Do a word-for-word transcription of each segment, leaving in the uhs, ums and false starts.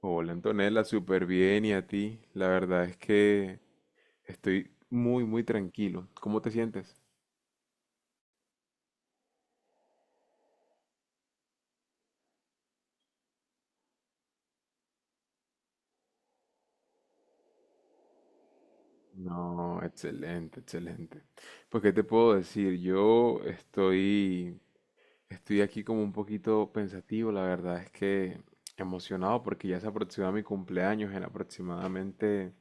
Hola Antonella, súper bien y a ti. La verdad es que estoy muy, muy tranquilo. ¿Cómo te sientes? No, excelente, excelente. Pues, ¿qué te puedo decir? Yo estoy, estoy aquí como un poquito pensativo, la verdad es que emocionado porque ya se aproxima mi cumpleaños en aproximadamente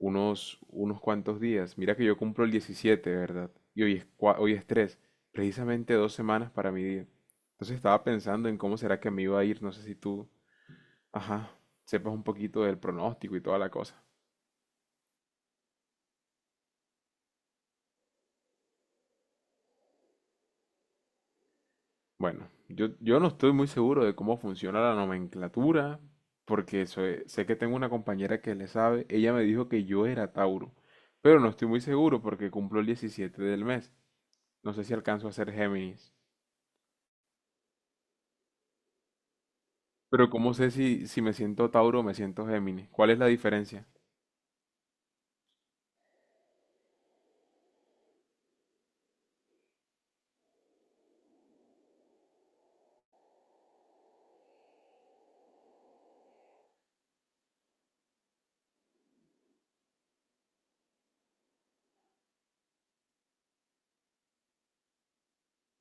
Unos, unos cuantos días. Mira que yo cumplo el diecisiete, ¿verdad? Y hoy es, cua- hoy es tres, precisamente dos semanas para mi día. Entonces estaba pensando en cómo será que me iba a ir. No sé si tú, ajá, sepas un poquito del pronóstico y toda la cosa. Bueno, yo, yo no estoy muy seguro de cómo funciona la nomenclatura, porque soy- sé que tengo una compañera que le sabe. Ella me dijo que yo era Tauro, pero no estoy muy seguro porque cumplo el diecisiete del mes. No sé si alcanzo a ser Géminis. Pero ¿cómo sé si, si me siento Tauro o me siento Géminis? ¿Cuál es la diferencia?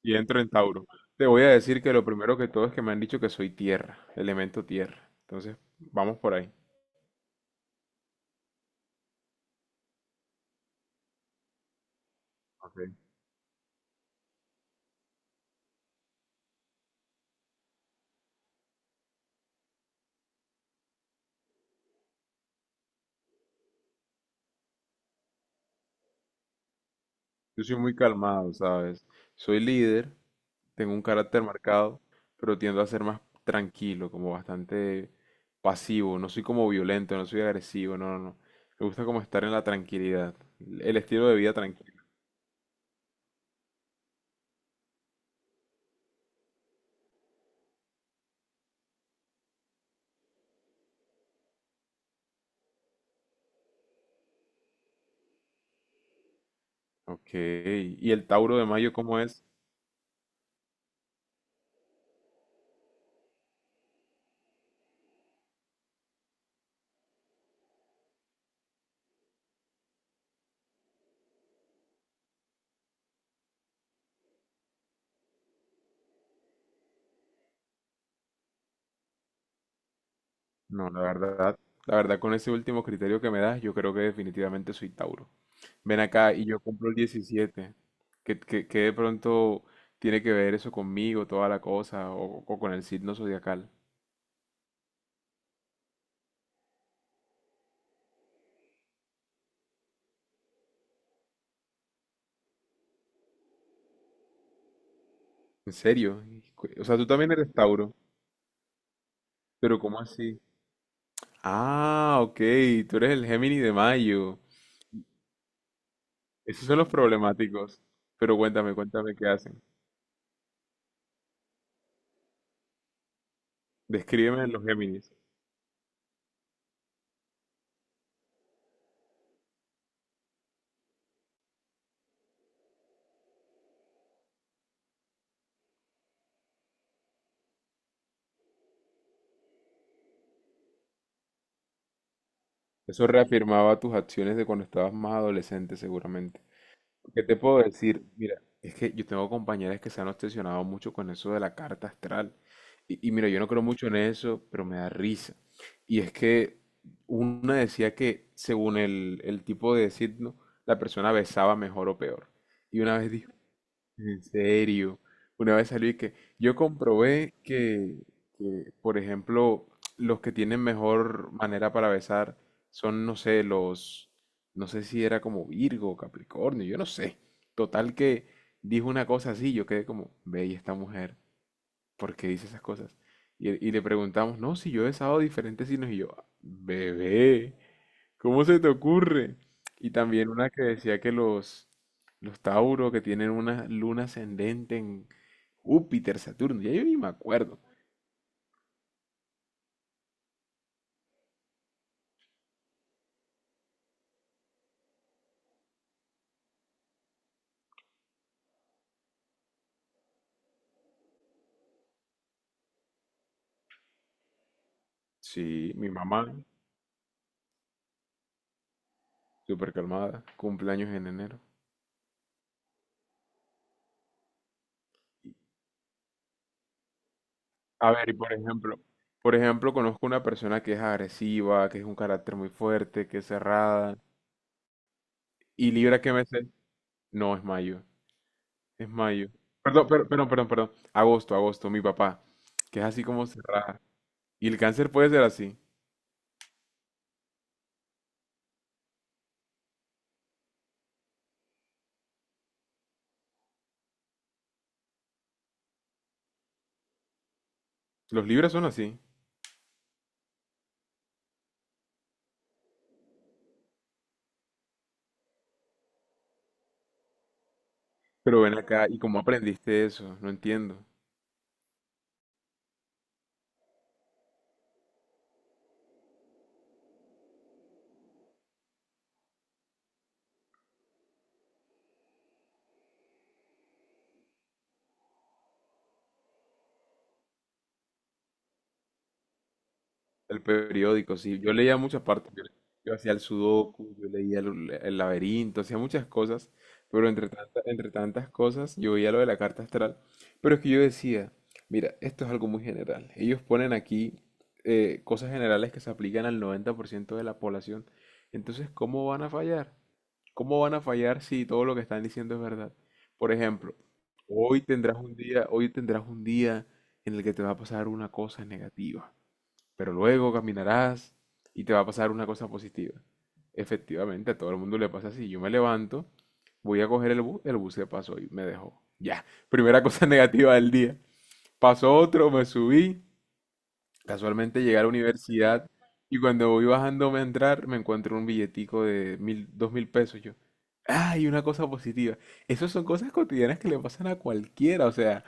Y entro en Tauro. Te voy a decir que lo primero que todo es que me han dicho que soy tierra, elemento tierra. Entonces, vamos por ahí. Ok. Yo soy muy calmado, ¿sabes? Soy líder, tengo un carácter marcado, pero tiendo a ser más tranquilo, como bastante pasivo. No soy como violento, no soy agresivo, no, no, no. Me gusta como estar en la tranquilidad, el estilo de vida tranquilo. Ok. ¿Y el Tauro de Mayo cómo es? No, la verdad, la verdad, con ese último criterio que me das, yo creo que definitivamente soy Tauro. Ven acá y yo compro el diecisiete. ¿Qué, qué- qué de pronto tiene que ver eso conmigo, toda la cosa, o, o con el signo zodiacal? ¿En serio? Cu- O sea, tú también eres Tauro, pero ¿cómo así? Ah, ok, tú eres el Géminis de mayo. Esos son los problemáticos. Pero cuéntame, cuéntame qué hacen. Descríbeme los Géminis. Eso reafirmaba tus acciones de cuando estabas más adolescente, seguramente. ¿Qué te puedo decir? Mira, es que yo tengo compañeras que se han obsesionado mucho con eso de la carta astral. Y, y mira, yo no creo mucho en eso, pero me da risa. Y es que una decía que según el, el tipo de signo, la persona besaba mejor o peor. Y una vez dijo, en serio, una vez salió y que yo comprobé que, que, por ejemplo, los que tienen mejor manera para besar son, no sé, los, no sé si era como Virgo Capricornio, yo no sé. Total que dijo una cosa así, yo quedé como, ve, ¿y esta mujer, ¿por qué dice esas cosas? Y, y le preguntamos, no, si yo he besado diferentes signos, y yo, bebé, ¿cómo se te ocurre? Y también una que decía que los, los Tauro que tienen una luna ascendente en Júpiter, Saturno, ya yo ni me acuerdo. Sí, mi mamá, súper calmada, cumpleaños en enero. A ver, y por ejemplo, por ejemplo, conozco una persona que es agresiva, que es un carácter muy fuerte, que es cerrada. ¿Y Libra qué mes es? No, es mayo, es mayo. Perdón, per- perdón, perdón, perdón. Agosto, agosto, mi papá, que es así como cerrada. Y el cáncer puede ser así. Los libros son así. Pero ven acá, ¿y cómo aprendiste eso? No entiendo. El periódico, sí. Yo leía muchas partes. Yo, yo hacía el sudoku, yo leía el, el laberinto, hacía muchas cosas. Pero entre tanta- entre tantas cosas, yo veía lo de la carta astral. Pero es que yo decía, mira, esto es algo muy general. Ellos ponen aquí eh, cosas generales que se aplican al noventa por ciento de la población. Entonces, ¿cómo van a fallar? ¿Cómo van a fallar si todo lo que están diciendo es verdad? Por ejemplo, hoy tendrás un día, hoy tendrás un día en el que te va a pasar una cosa negativa, pero luego caminarás y te va a pasar una cosa positiva. Efectivamente, a todo el mundo le pasa así. Yo me levanto, voy a coger el bus, el bus se pasó y me dejó. Ya, primera cosa negativa del día. Pasó otro, me subí, casualmente llegué a la universidad y cuando voy bajándome a entrar me encuentro un billetico de mil, dos mil pesos. Yo, ¡ay! Una cosa positiva. Esas son cosas cotidianas que le pasan a cualquiera. O sea,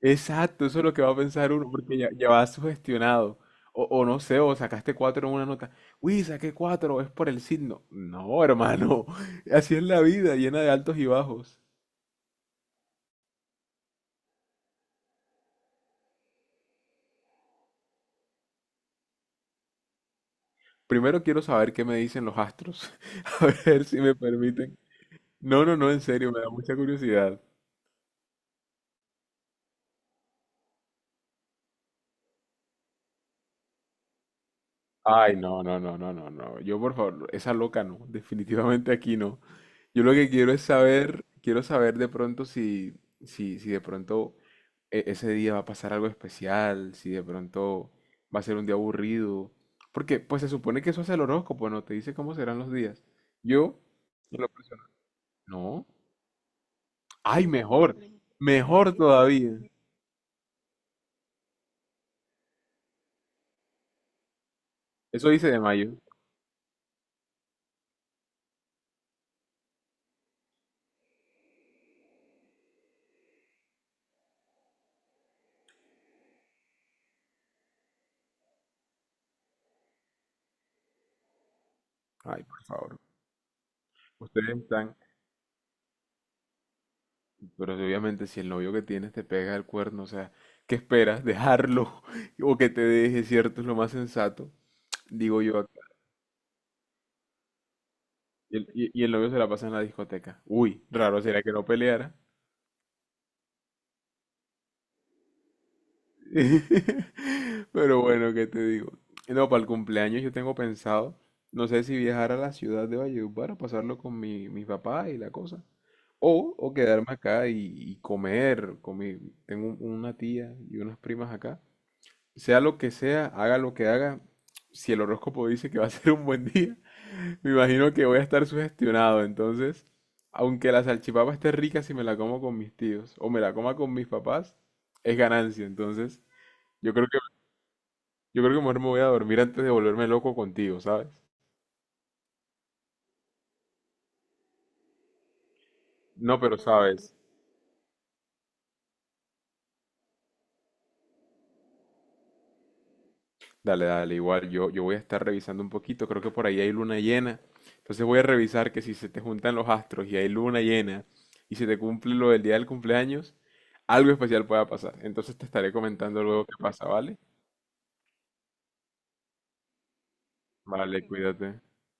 exacto, eso es lo que va a pensar uno porque ya, ya va sugestionado. O, o no sé, o sacaste cuatro en una nota. Uy, saqué cuatro, es por el signo. No, hermano, así es la vida, llena de altos y bajos. Primero quiero saber qué me dicen los astros. A ver si me permiten. No, no, no, en serio, me da mucha curiosidad. Ay, no, no, no, no, no, no. Yo, por favor, esa loca no. Definitivamente aquí no. Yo lo que quiero es saber, quiero saber de pronto si, si, si de pronto e- ese día va a pasar algo especial, si de pronto va a ser un día aburrido. Porque, pues se supone que eso hace el horóscopo, ¿no? Te dice cómo serán los días. Yo, en lo personal, no. Ay, mejor, mejor todavía. Eso dice de mayo. Ay, por favor. Ustedes están. Pero si obviamente si el novio que tienes te pega el cuerno, o sea, ¿qué esperas? ¿Dejarlo? O que te deje, ¿cierto? Es lo más sensato, digo yo acá. Y el, y- y el novio se la pasa en la discoteca. Uy, raro sería que no peleara. Pero bueno, ¿qué te digo? No, para el cumpleaños yo tengo pensado, no sé si viajar a la ciudad de Valledupar o pasarlo con mi, mi papá y la cosa. O, o quedarme acá y, y comer. Con mi- tengo un- una tía y unas primas acá. Sea lo que sea, haga lo que haga, si el horóscopo dice que va a ser un buen día, me imagino que voy a estar sugestionado. Entonces, aunque la salchipapa esté rica, si me la como con mis tíos o me la coma con mis papás, es ganancia. Entonces, yo creo que, yo creo que mejor me voy a dormir antes de volverme loco contigo, ¿sabes? No, pero sabes, dale, dale, igual yo, yo voy a estar revisando un poquito, creo que por ahí hay luna llena, entonces voy a revisar que si se te juntan los astros y hay luna llena y se te cumple lo del día del cumpleaños, algo especial pueda pasar, entonces te estaré comentando luego qué pasa, ¿vale? Vale, cuídate.